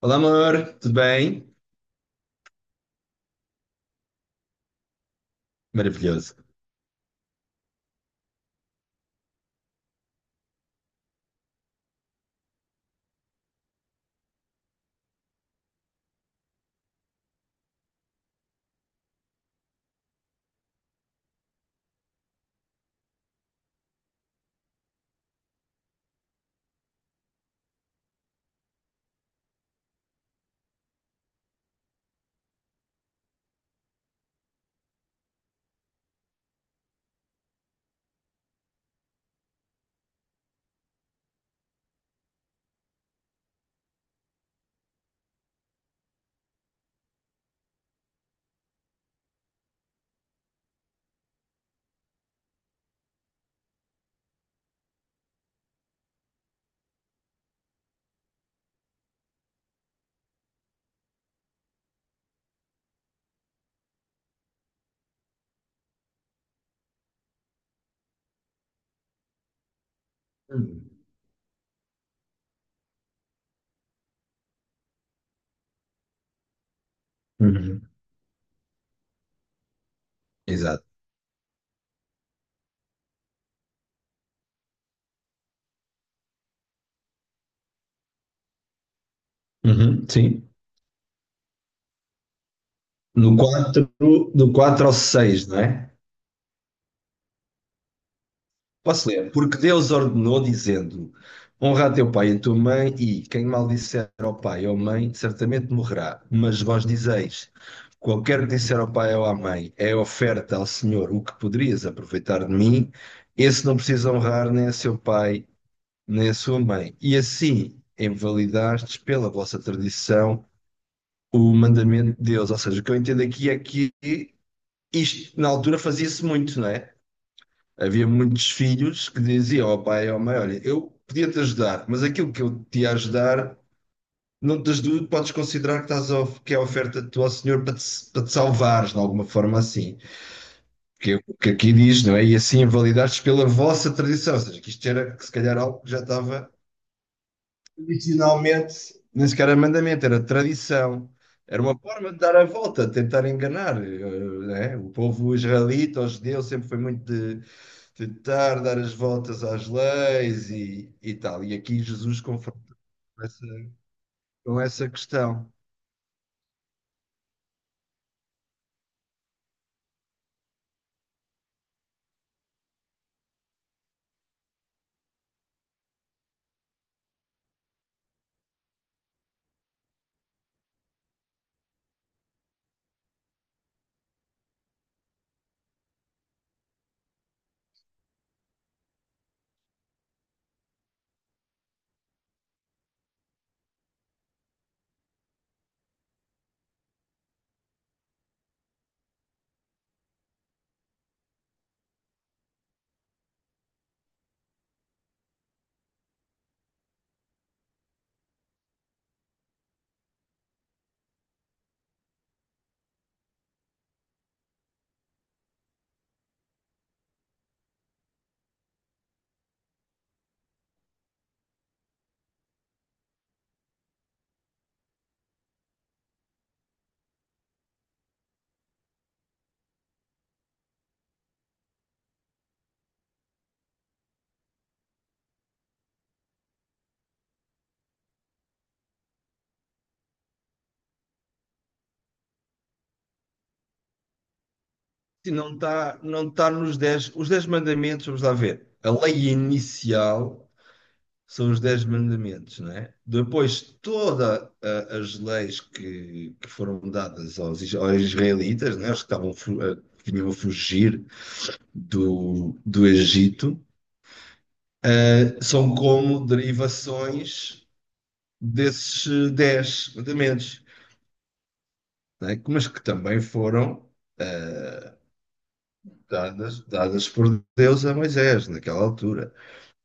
Olá, amor, tudo bem? Maravilhoso. Hum. Uhum. Exato. Uhum, sim. No 4, do quatro ao 6, não é? Posso ler? Porque Deus ordenou, dizendo: Honra a teu pai e a tua mãe, e quem maldisser ao pai ou à mãe, certamente morrerá. Mas vós dizeis: Qualquer que disser ao pai ou à mãe, é oferta ao Senhor o que poderias aproveitar de mim, esse não precisa honrar nem a seu pai, nem a sua mãe. E assim invalidastes pela vossa tradição o mandamento de Deus. Ou seja, o que eu entendo aqui é que isto na altura fazia-se muito, não é? Havia muitos filhos que diziam ao pai e ao mãe: Olha, eu podia-te ajudar, mas aquilo que eu te ia ajudar, não te ajudo, podes considerar que é a oferta do teu Senhor para te salvares, de alguma forma assim. Que é o que aqui diz, não é? E assim invalidaste pela vossa tradição. Ou seja, que isto era, que se calhar, algo que já estava originalmente, nem sequer era mandamento, era tradição. Era uma forma de dar a volta, de tentar enganar. Né? O povo israelita, os judeus, sempre foi muito de tentar dar as voltas às leis e tal. E aqui Jesus confronta com essa, com essa questão. E não está os dez mandamentos, vamos lá ver. A lei inicial são os dez mandamentos, não é? Depois, todas as leis que foram dadas aos israelitas, não é? Os que estavam, eh, que vinham a fugir do Egito, são como derivações desses dez mandamentos, não é? Mas que também foram eh, dadas por Deus a Moisés, naquela altura.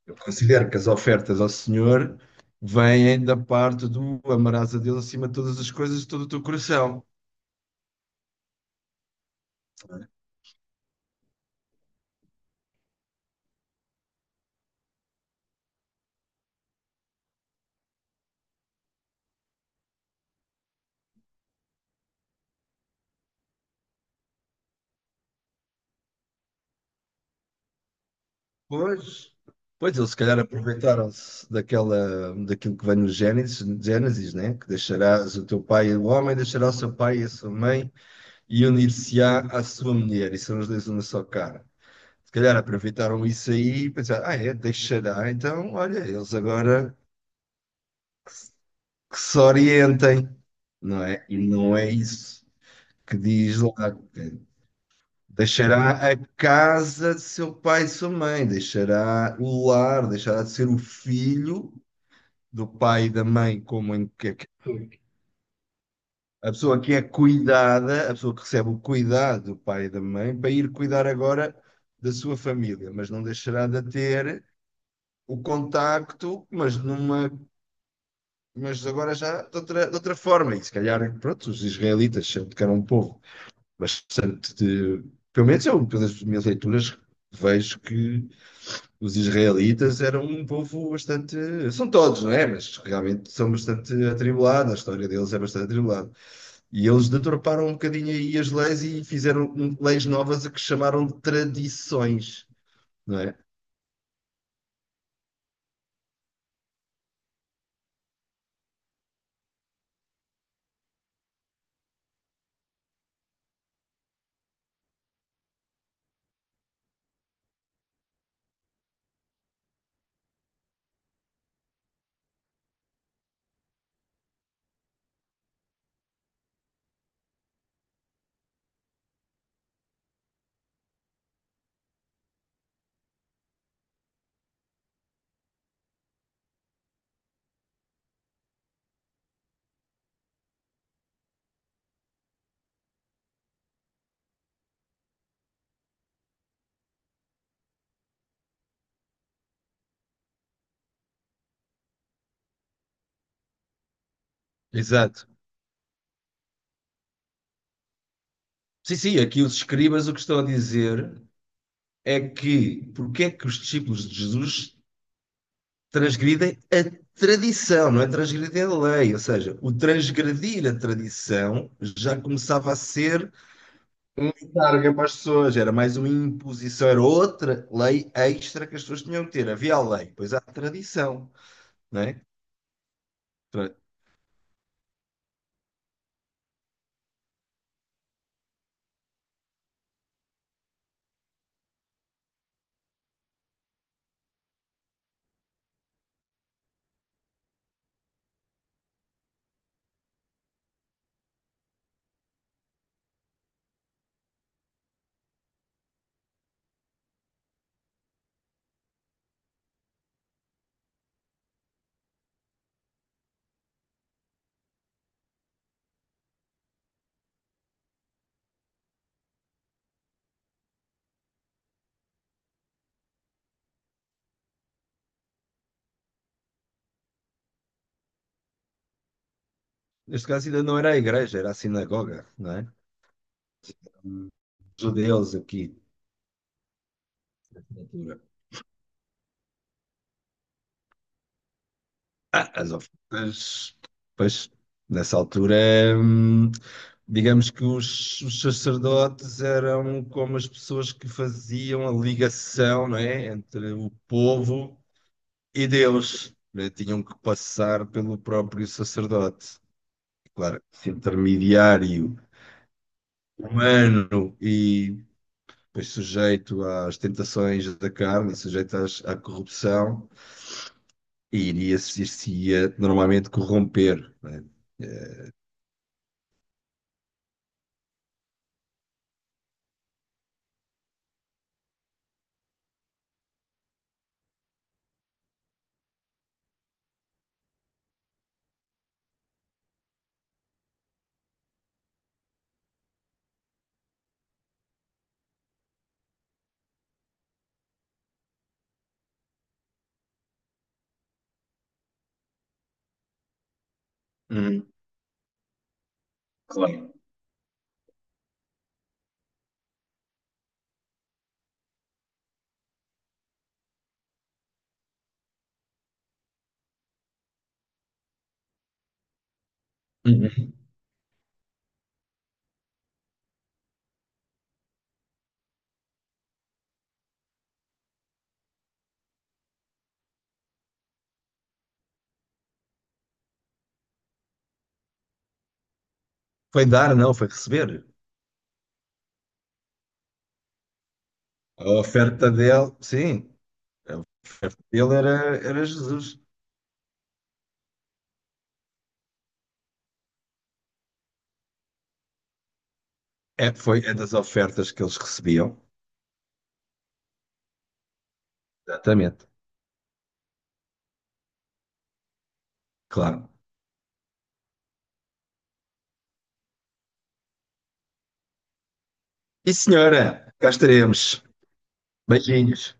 Eu considero que as ofertas ao Senhor vêm da parte do amarás a Deus acima de todas as coisas, de todo o teu coração. Pois, pois eles se calhar aproveitaram-se daquilo que vem no Gênesis, né? Que deixarás o teu pai, o homem deixará o seu pai e a sua mãe e unir-se-á à sua mulher, e são os dois uma só cara. Se calhar aproveitaram isso aí e pensaram, ah é, deixará, então olha, eles agora que se orientem, não é? E não é isso que diz lá que deixará a casa de seu pai e sua mãe, deixará o lar, deixará de ser o filho do pai e da mãe, como em que- a pessoa que é cuidada, a pessoa que recebe o cuidado do pai e da mãe, para ir cuidar agora da sua família, mas não deixará de ter o contacto, mas agora já de outra forma, e se calhar, pronto, os israelitas sempre que eram um povo bastante pelo menos eu, pelas minhas leituras, vejo que os israelitas eram um povo bastante, são todos, não é? Mas realmente são bastante atribulados, a história deles é bastante atribulada. E eles deturparam um bocadinho aí as leis e fizeram leis novas a que chamaram de tradições, não é? Exato. Sim, sim, aqui os escribas o que estão a dizer é que porque é que os discípulos de Jesus transgridem a tradição, não é transgredir a lei. Ou seja, o transgredir a tradição já começava a ser um encargo para as pessoas, era mais uma imposição, era outra lei extra que as pessoas tinham que ter. Havia a lei, pois há a tradição, não é? Neste caso ainda não era a igreja, era a sinagoga, não é? Judeus aqui. Ah, as ofertas, pois, nessa altura, hum, digamos que os sacerdotes eram como as pessoas que faziam a ligação, não é, entre o povo e Deus, né? Tinham que passar pelo próprio sacerdote. Claro, esse intermediário humano e pois, sujeito às tentações da carne, sujeito à corrupção, e iria normalmente corromper, não é? Hum, claro. Uhum. Foi dar, não, foi receber. A oferta dele, sim, a oferta dele era Jesus. É, foi é das ofertas que eles recebiam. Exatamente, claro. E senhora, cá estaremos. Beijinhos.